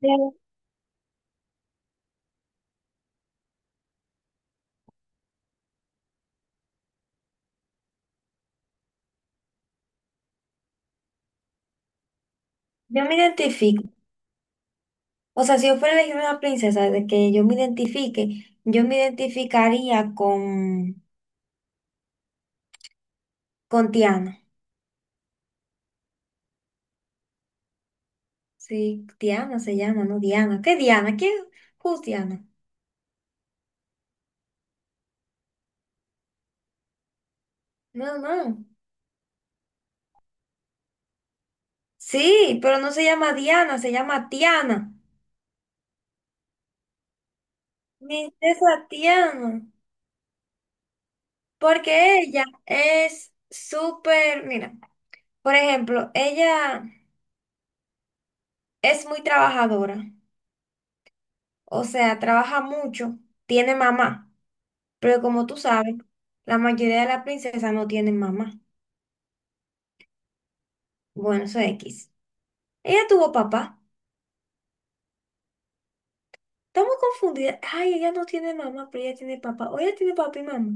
Yo, yo me identifico. O sea, si yo fuera a elegir una princesa de que yo me identifique, yo me identificaría con Tiana. Sí, Tiana se llama, ¿no? Diana. ¿Qué Diana? ¿Quién? Who's Diana? No, no. Sí, pero no se llama Diana, se llama Tiana. Mi princesa Tiana. Porque ella es súper, mira, por ejemplo, ella es muy trabajadora. O sea, trabaja mucho, tiene mamá. Pero como tú sabes, la mayoría de las princesas no tienen mamá. Bueno, eso es X. Ella tuvo papá. Estamos confundidas. Ay, ella no tiene mamá, pero ella tiene papá. O ella tiene papá y mamá.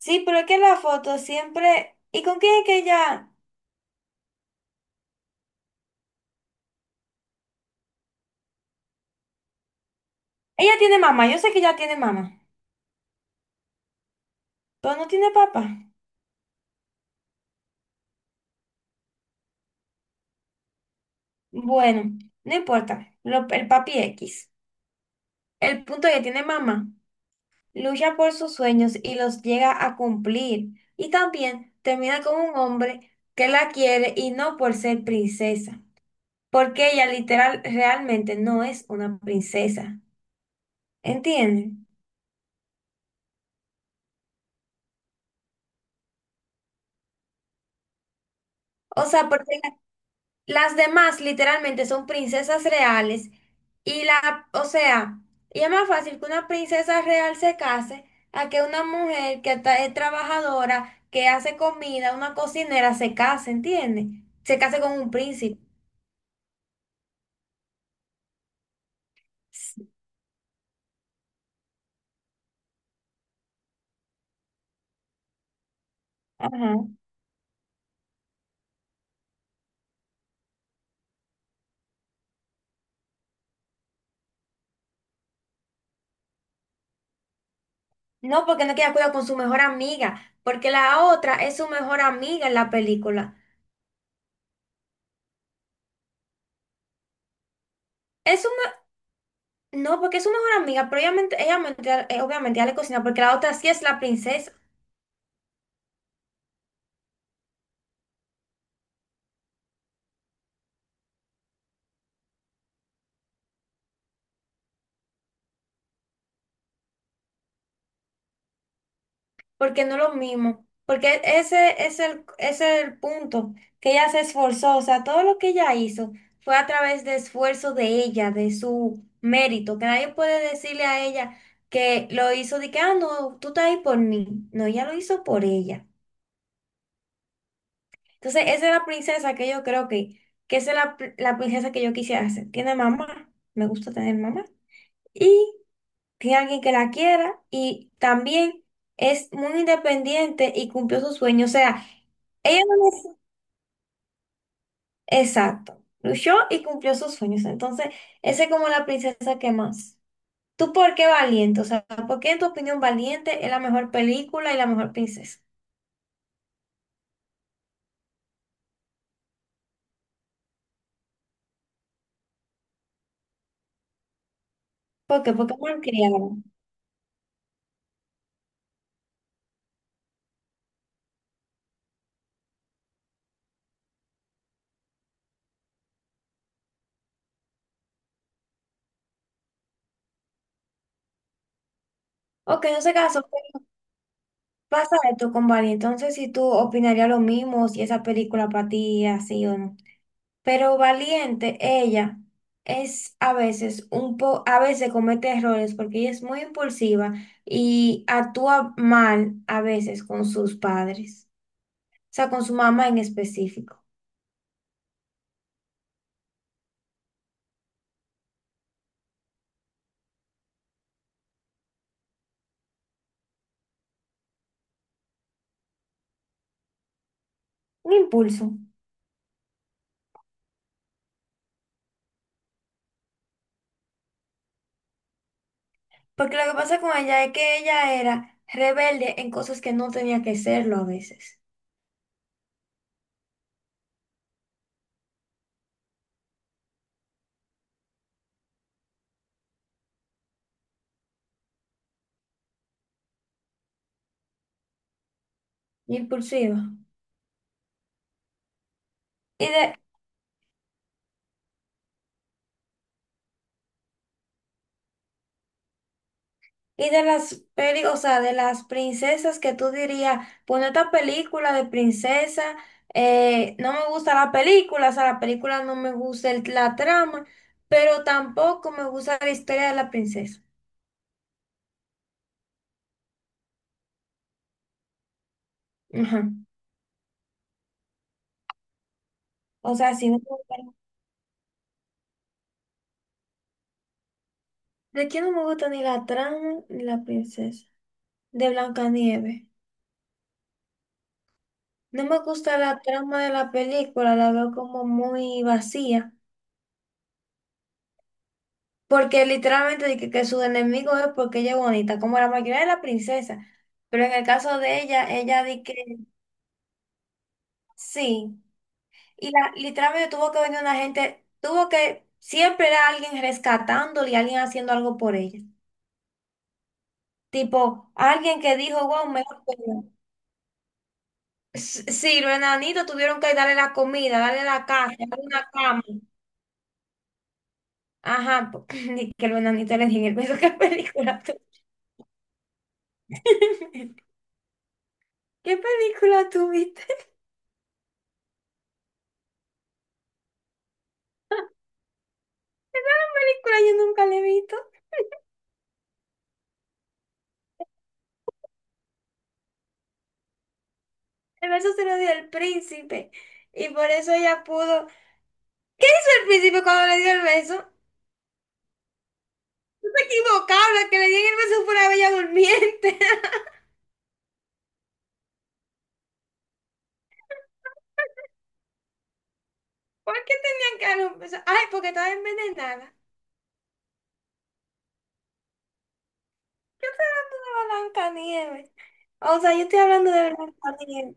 Sí, pero es que la foto siempre... ¿Y con quién es que ella? Ella tiene mamá, yo sé que ella tiene mamá, pero no tiene papá. Bueno, no importa. Lo- el papi X. El punto es que tiene mamá. Lucha por sus sueños y los llega a cumplir. Y también termina con un hombre que la quiere y no por ser princesa, porque ella literal realmente no es una princesa. ¿Entienden? O sea, porque la- las demás literalmente son princesas reales y la, o sea, y es más fácil que una princesa real se case a que una mujer que ta- es trabajadora, que hace comida, una cocinera se case, ¿entiende? Se case con un príncipe. Ajá. No, porque no queda cuidado con su mejor amiga, porque la otra es su mejor amiga en la película. Es su me- no, porque es su mejor amiga, pero ella ment- obviamente ya le cocina, porque la otra sí es la princesa, porque no es lo mismo, porque ese es el punto, que ella se esforzó, o sea, todo lo que ella hizo fue a través de esfuerzo de ella, de su mérito, que nadie puede decirle a ella que lo hizo de que, ah, no, tú estás ahí por mí, no, ella lo hizo por ella. Entonces, esa es la princesa que yo creo que esa es la, pr- la princesa que yo quisiera ser. Tiene mamá, me gusta tener mamá. Y tiene alguien que la quiera y también es muy independiente y cumplió sus sueños. O sea, ella no es... Exacto, luchó y cumplió sus sueños. Entonces, esa es como la princesa que más. ¿Tú por qué valiente? O sea, ¿por qué en tu opinión valiente es la mejor película y la mejor princesa? ¿Por qué? Porque mal criada. Ok, no se casó. Pasa esto con Bali, entonces si tú opinarías lo mismo, si esa película para ti es así o no. Pero Valiente, ella es a veces un po, a veces comete errores porque ella es muy impulsiva y actúa mal a veces con sus padres, o sea, con su mamá en específico. Un impulso. Porque lo que pasa con ella es que ella era rebelde en cosas que no tenía que serlo a veces. Impulsiva. Y de, y de las peli, o sea, de las princesas que tú dirías, bueno, esta película de princesa, no me gusta la película, o sea, la película no me gusta el- la trama, pero tampoco me gusta la historia de la princesa. Ajá. O sea, sí me gusta. ¿De quién no me gusta ni la trama ni la princesa? De Blancanieves. No me gusta la trama de la película, la veo como muy vacía. Porque literalmente dije que su enemigo es porque ella es bonita, como la mayoría de la princesa. Pero en el caso de ella, ella di que sí. Y la, literalmente tuvo que venir una gente, tuvo que, siempre era alguien rescatándole y alguien haciendo algo por ella. Tipo, alguien que dijo, wow, mejor que yo". S- sí, los enanitos tuvieron que darle la comida, darle la casa, darle una cama. Ajá, po- ni que los enanitos le dije, pero ¿qué película tú? ¿Qué película tú viste? ¿Película yo nunca le he visto? El beso se lo dio el príncipe. Y por eso ella pudo. ¿Qué hizo el príncipe cuando le dio el beso? No se equivocaron, la que le dieron el beso fue la bella durmiente. ¿Por qué tenían que darle un beso? Ay, porque estaba envenenada. Yo estoy hablando de Blancanieves. O sea, yo estoy hablando de Blancanieves.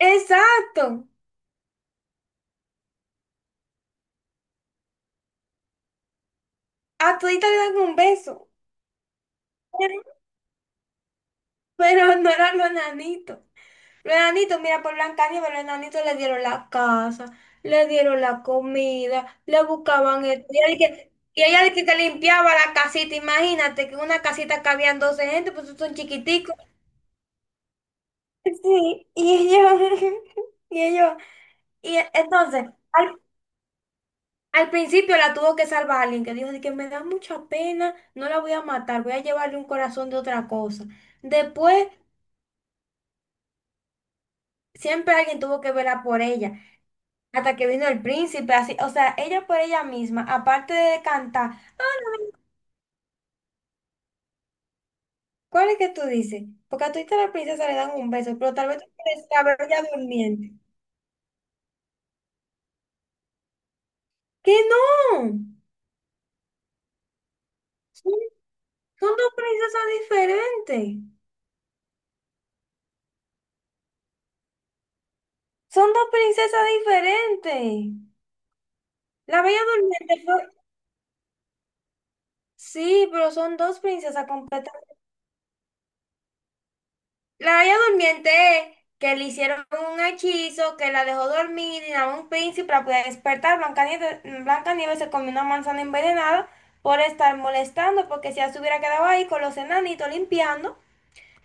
Exacto. A todita le dan un beso. Pero no eran los enanitos. Los enanitos, mira, por Blancanieves, los enanitos le dieron la casa, le dieron la comida, le buscaban esto. Y ella de que, que limpiaba la casita, imagínate que una casita cabían 12 gente, pues son chiquiticos. Sí, y ellos, y ellos, y e- entonces, al, al principio la tuvo que salvar alguien que dijo de que me da mucha pena, no la voy a matar, voy a llevarle un corazón de otra cosa. Después, siempre alguien tuvo que velar por ella. Hasta que vino el príncipe, así, o sea, ella por ella misma, aparte de cantar, ¿cuál es que tú dices? Porque a tu hija la princesa le dan un beso, pero tal vez tú quieres la ver ya durmiente. ¡Que no! Son, son dos princesas diferentes. Son dos princesas diferentes. La bella durmiente fue... Sí, pero son dos princesas completamente. La Bella Durmiente, que le hicieron un hechizo que la dejó dormir y a un príncipe para poder despertar. Blancanieves se comió una manzana envenenada por estar molestando, porque si ya se hubiera quedado ahí con los enanitos limpiando,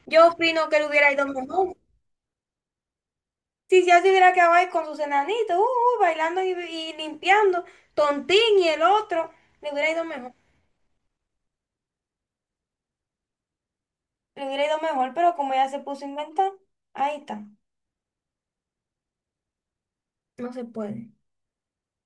yo opino que le hubiera ido mejor. Si ya se hubiera quedado ahí con sus enanitos, bailando y limpiando, Tontín y el otro, le hubiera ido mejor. Le hubiera ido mejor, pero como ella se puso a inventar, ahí está, no se puede.